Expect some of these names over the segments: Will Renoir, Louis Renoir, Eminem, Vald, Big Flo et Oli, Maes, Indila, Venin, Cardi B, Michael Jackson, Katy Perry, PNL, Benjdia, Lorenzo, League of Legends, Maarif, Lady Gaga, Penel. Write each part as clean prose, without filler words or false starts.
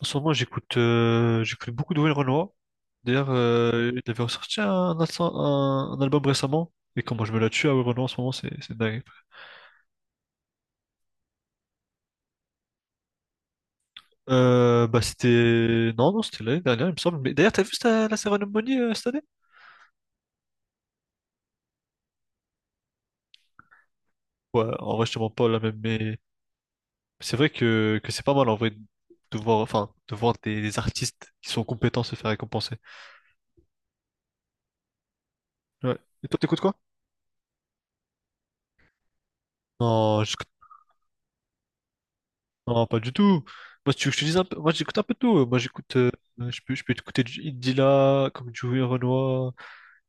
En ce moment, j'écoute j'écoute beaucoup de Will Renoir. D'ailleurs, il avait ressorti un album récemment. Et comment je me la tue à Will Renoir en ce moment, c'est dingue. Bah c'était... Non, non, c'était l'année dernière, il me semble. Mais d'ailleurs, la cérémonie cette année? Ouais, en vrai, je te mens pas là même, mais c'est vrai que c'est pas mal en vrai de voir, enfin, de voir des artistes qui sont compétents se faire récompenser. Ouais. Et toi, t'écoutes quoi? Non, non, pas du tout. Moi, si tu veux que je te dise un peu, moi j'écoute un peu de tout. Moi, j'écoute, je peux écouter du Indila, comme du Louis Renoir,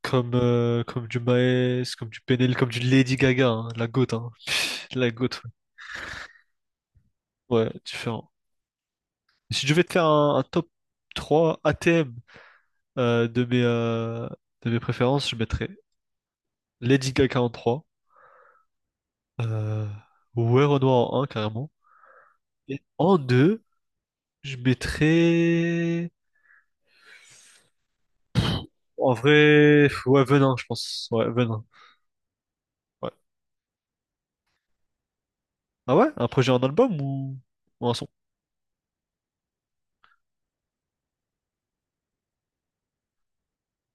comme, comme du Maes, comme du Penel, comme du Lady Gaga, hein, la goat, hein. La goat, ouais, ouais, différent. Si je devais te faire un top 3 ATM euh, de mes, euh, de mes préférences, je mettrais Lady Gaga en trois, euh, Louis Renoir en un carrément. Et en 2 je mettrais. En vrai, ouais, Venin, je pense. Ouais, Venin. Ouais. Ah ouais? Un projet en album ou un son?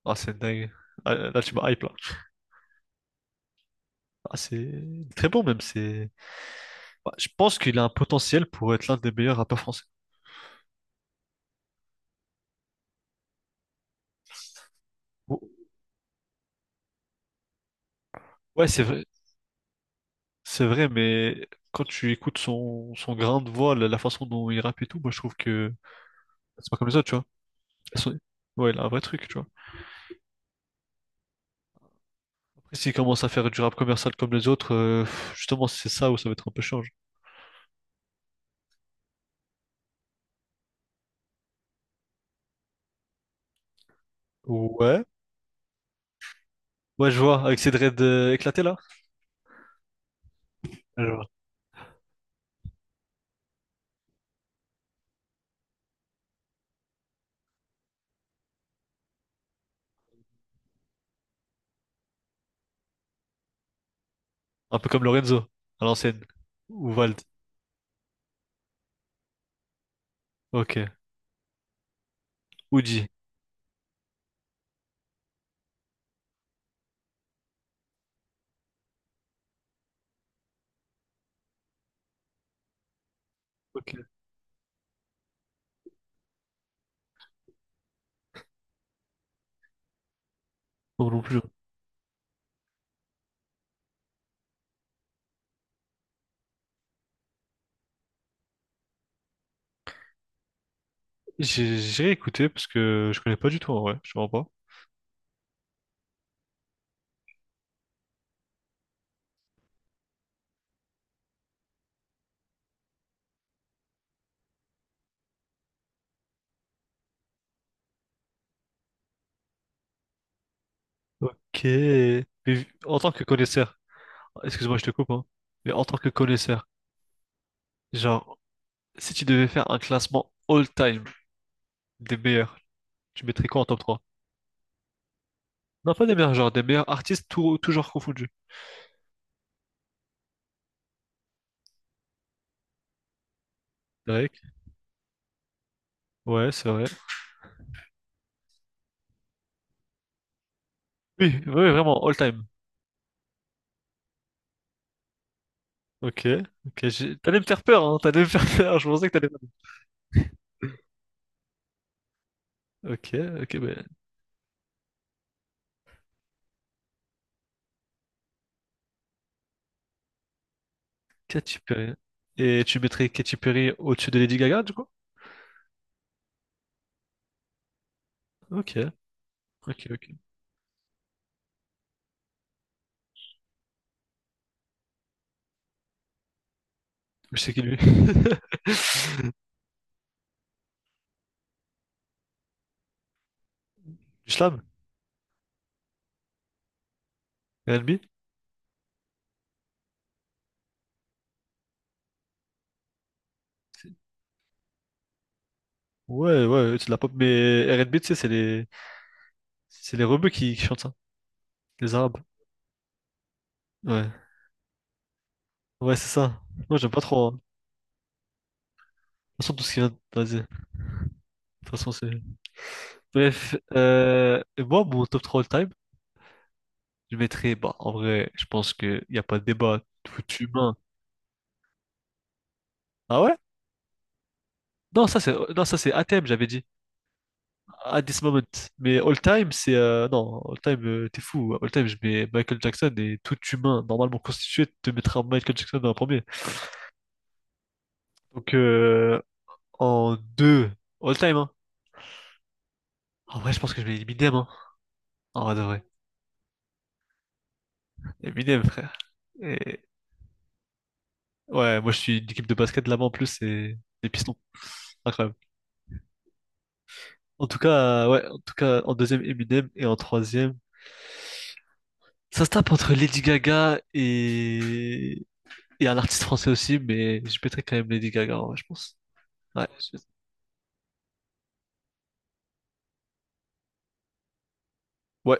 Ah, c'est dingue. Ah, là, tu m'as hype, là. Ah, c'est très bon, même. C'est... Ouais, je pense qu'il a un potentiel pour être l'un des meilleurs rappeurs français. Ou- Ouais, c'est vrai. C'est vrai, mais quand tu écoutes son, son grain de voix, la façon dont il rappe et tout, moi, je trouve que c'est pas comme les autres, tu vois. Son- Ouais, il a un vrai truc, tu vois. Après, s'il commence à faire du rap commercial comme les autres, justement, c'est ça où ça va être un peu change. Ouais. Ouais, je vois, avec ses dreads éclatés, là. Je vois. Un peu comme Lorenzo, à l'ancienne. Ou Vald. Ok. Ou G. Ok. Non, non plus. J'ai écouté parce que je connais pas du tout en vrai. Je comprends pas. Ok. Mais en tant que connaisseur, excuse-moi, je te coupe, hein. Mais en tant que connaisseur, genre, si tu devais faire un classement all-time des meilleurs, tu mettrais quoi en top trois? Non, pas des meilleurs, genre des meilleurs artistes tout, toujours confondus. Ouais, c'est vrai. Oui, oui, vraiment, all time. Ok, ok, t'allais me faire peur, hein, t'allais me faire peur, je pensais que t'allais... Ok, ok, ben, Katy Perry. Et tu mettrais Katy Perry au-dessus de Lady Gaga, du coup? Ok, ok, ok. Je sais qui lui. Du slam? R&B? Ouais, ouais, c'est de la pop, mais R&B, tu sais, c'est les... C'est les rebeux qui chantent ça, les Arabes. Ouais, ouais, c'est ça. Moi, j'aime pas trop, hein. De toute façon, tout ce qui vient... de Vas-y, de toute façon, c'est... Bref, et moi, mon top 3 all-time, je mettrais, bah, en vrai, je pense qu'il n'y a pas de débat, tout humain. Ah ouais? Non, ça c'est non, ça c'est à thème j'avais dit. At this moment. Mais all time, c'est non, all time, t'es fou. All time, je mets Michael Jackson et tout humain normalement constitué te mettra Michael Jackson en premier. Donc en deux, all time, hein. En vrai, je pense que je mets Eminem, hein. En vrai de vrai. Eminem, frère. Et ouais, moi je suis une équipe de basket là-bas en plus, c'est des pistons. Incroyable. En tout cas, ouais, en tout cas, en deuxième Eminem et en troisième. Ça se tape entre Lady Gaga et un artiste français aussi, mais je mettrais quand même Lady Gaga, en vrai, je pense. Ouais, je- ouais.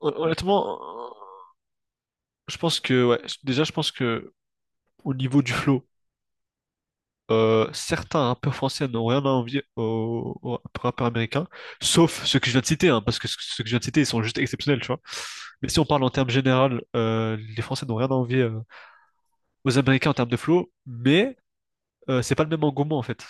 Honnêtement, euh, je pense que, ouais, déjà, je pense que au niveau du flow, certains rappeurs français n'ont rien à envier aux, aux rappeurs américains, sauf ceux que je viens de citer, hein, parce que ceux que je viens de citer, ils sont juste exceptionnels, tu vois. Mais si on parle en termes général, les Français n'ont rien à envier aux Américains en termes de flow, mais c'est pas le même engouement, en fait.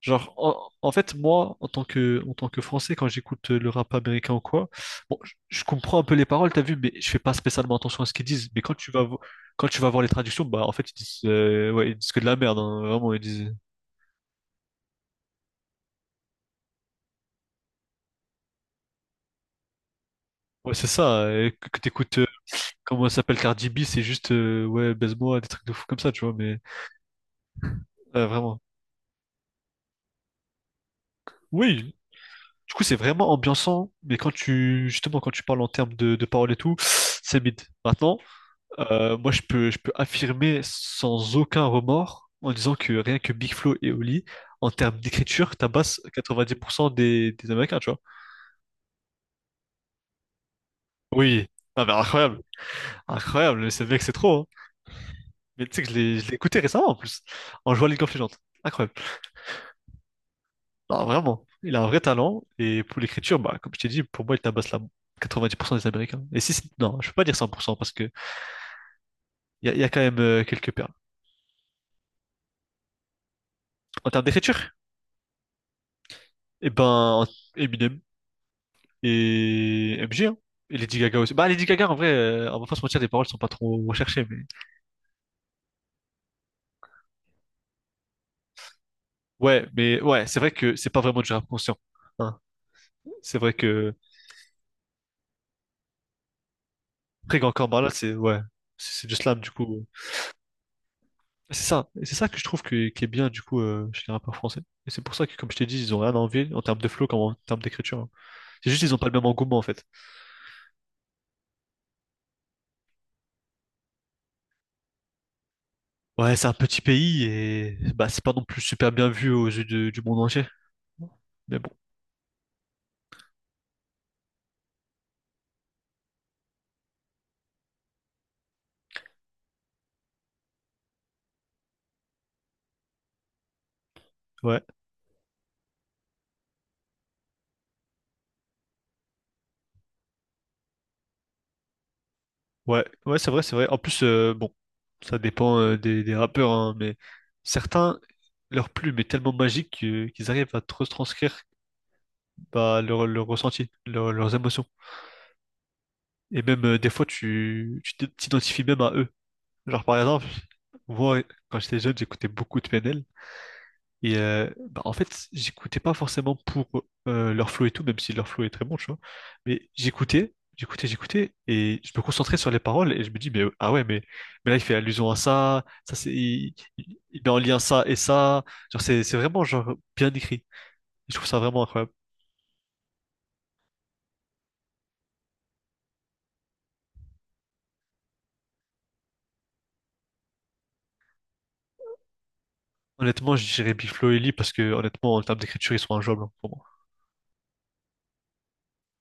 Genre, en fait, moi, en tant que Français, quand j'écoute le rap américain ou quoi, bon, je comprends un peu les paroles, t'as vu, mais je fais pas spécialement attention à ce qu'ils disent. Mais quand tu vas voir les traductions, bah, en fait, ils disent, ouais, ils disent que de la merde, hein, vraiment, ils disent, ouais, c'est ça, que t'écoutes, comment ça s'appelle, Cardi B, c'est juste, ouais, baise-moi, des trucs de fou comme ça, tu vois, mais, vraiment. Oui, du coup, c'est vraiment ambiançant, mais quand tu, justement, quand tu parles en termes de paroles et tout, c'est mid. Maintenant, moi, je peux affirmer sans aucun remords en disant que rien que Big Flo et Oli, en termes d'écriture, tabassent 90% des Américains, tu vois. Oui. Ah, mais incroyable. Incroyable. C'est vrai que c'est trop, hein. Mais tu sais que je l'ai écouté récemment en plus, en jouant à League of Legends. Incroyable. Non, vraiment. Il a un vrai talent. Et pour l'écriture, bah, comme je t'ai dit, pour moi, il tabasse la 90% des Américains. Et si, non, je peux pas dire 100% parce que il y a quand même quelques perles. En termes d'écriture, eh ben, Eminem. Et MG, hein. Et Lady Gaga aussi. Bah, Lady Gaga, en vrai, on va pas se mentir, les paroles sont pas trop recherchées, mais. Ouais, mais ouais, c'est vrai que c'est pas vraiment du rap conscient, hein. C'est vrai que. Après, encore par là, c'est. Ouais. C'est du slam, du coup. C'est ça. Et c'est ça que je trouve que, qui est bien, du coup, chez les rappeurs français. Et c'est pour ça que, comme je t'ai dit, ils ont rien à envier en termes de flow comme en termes d'écriture, hein. C'est juste, ils ont pas le même engouement, en fait. Ouais, c'est un petit pays et. Bah, c'est pas non plus super bien vu aux yeux du monde entier. Mais bon. Ouais, ouais, ouais, c'est vrai, c'est vrai. En plus, bon, ça dépend des rappeurs, hein, mais certains, leur plume est tellement magique qu'ils arrivent à te retranscrire bah, leur ressenti, leurs émotions. Et même des fois, tu t'identifies même à eux. Genre, par exemple, moi, quand j'étais jeune, j'écoutais beaucoup de PNL. Et bah, en fait, j'écoutais pas forcément pour leur flow et tout, même si leur flow est très bon, tu vois. Mais j'écoutais, j'écoutais, j'écoutais, et je me concentrais sur les paroles et je me dis, mais ah ouais, mais là il fait allusion à ça, ça c'est, il met en lien ça et ça. Genre c'est vraiment genre bien écrit. Je trouve ça vraiment incroyable. Honnêtement, je dirais Big Flo et Lee parce que honnêtement, en termes d'écriture, ils sont injouables hein, pour moi.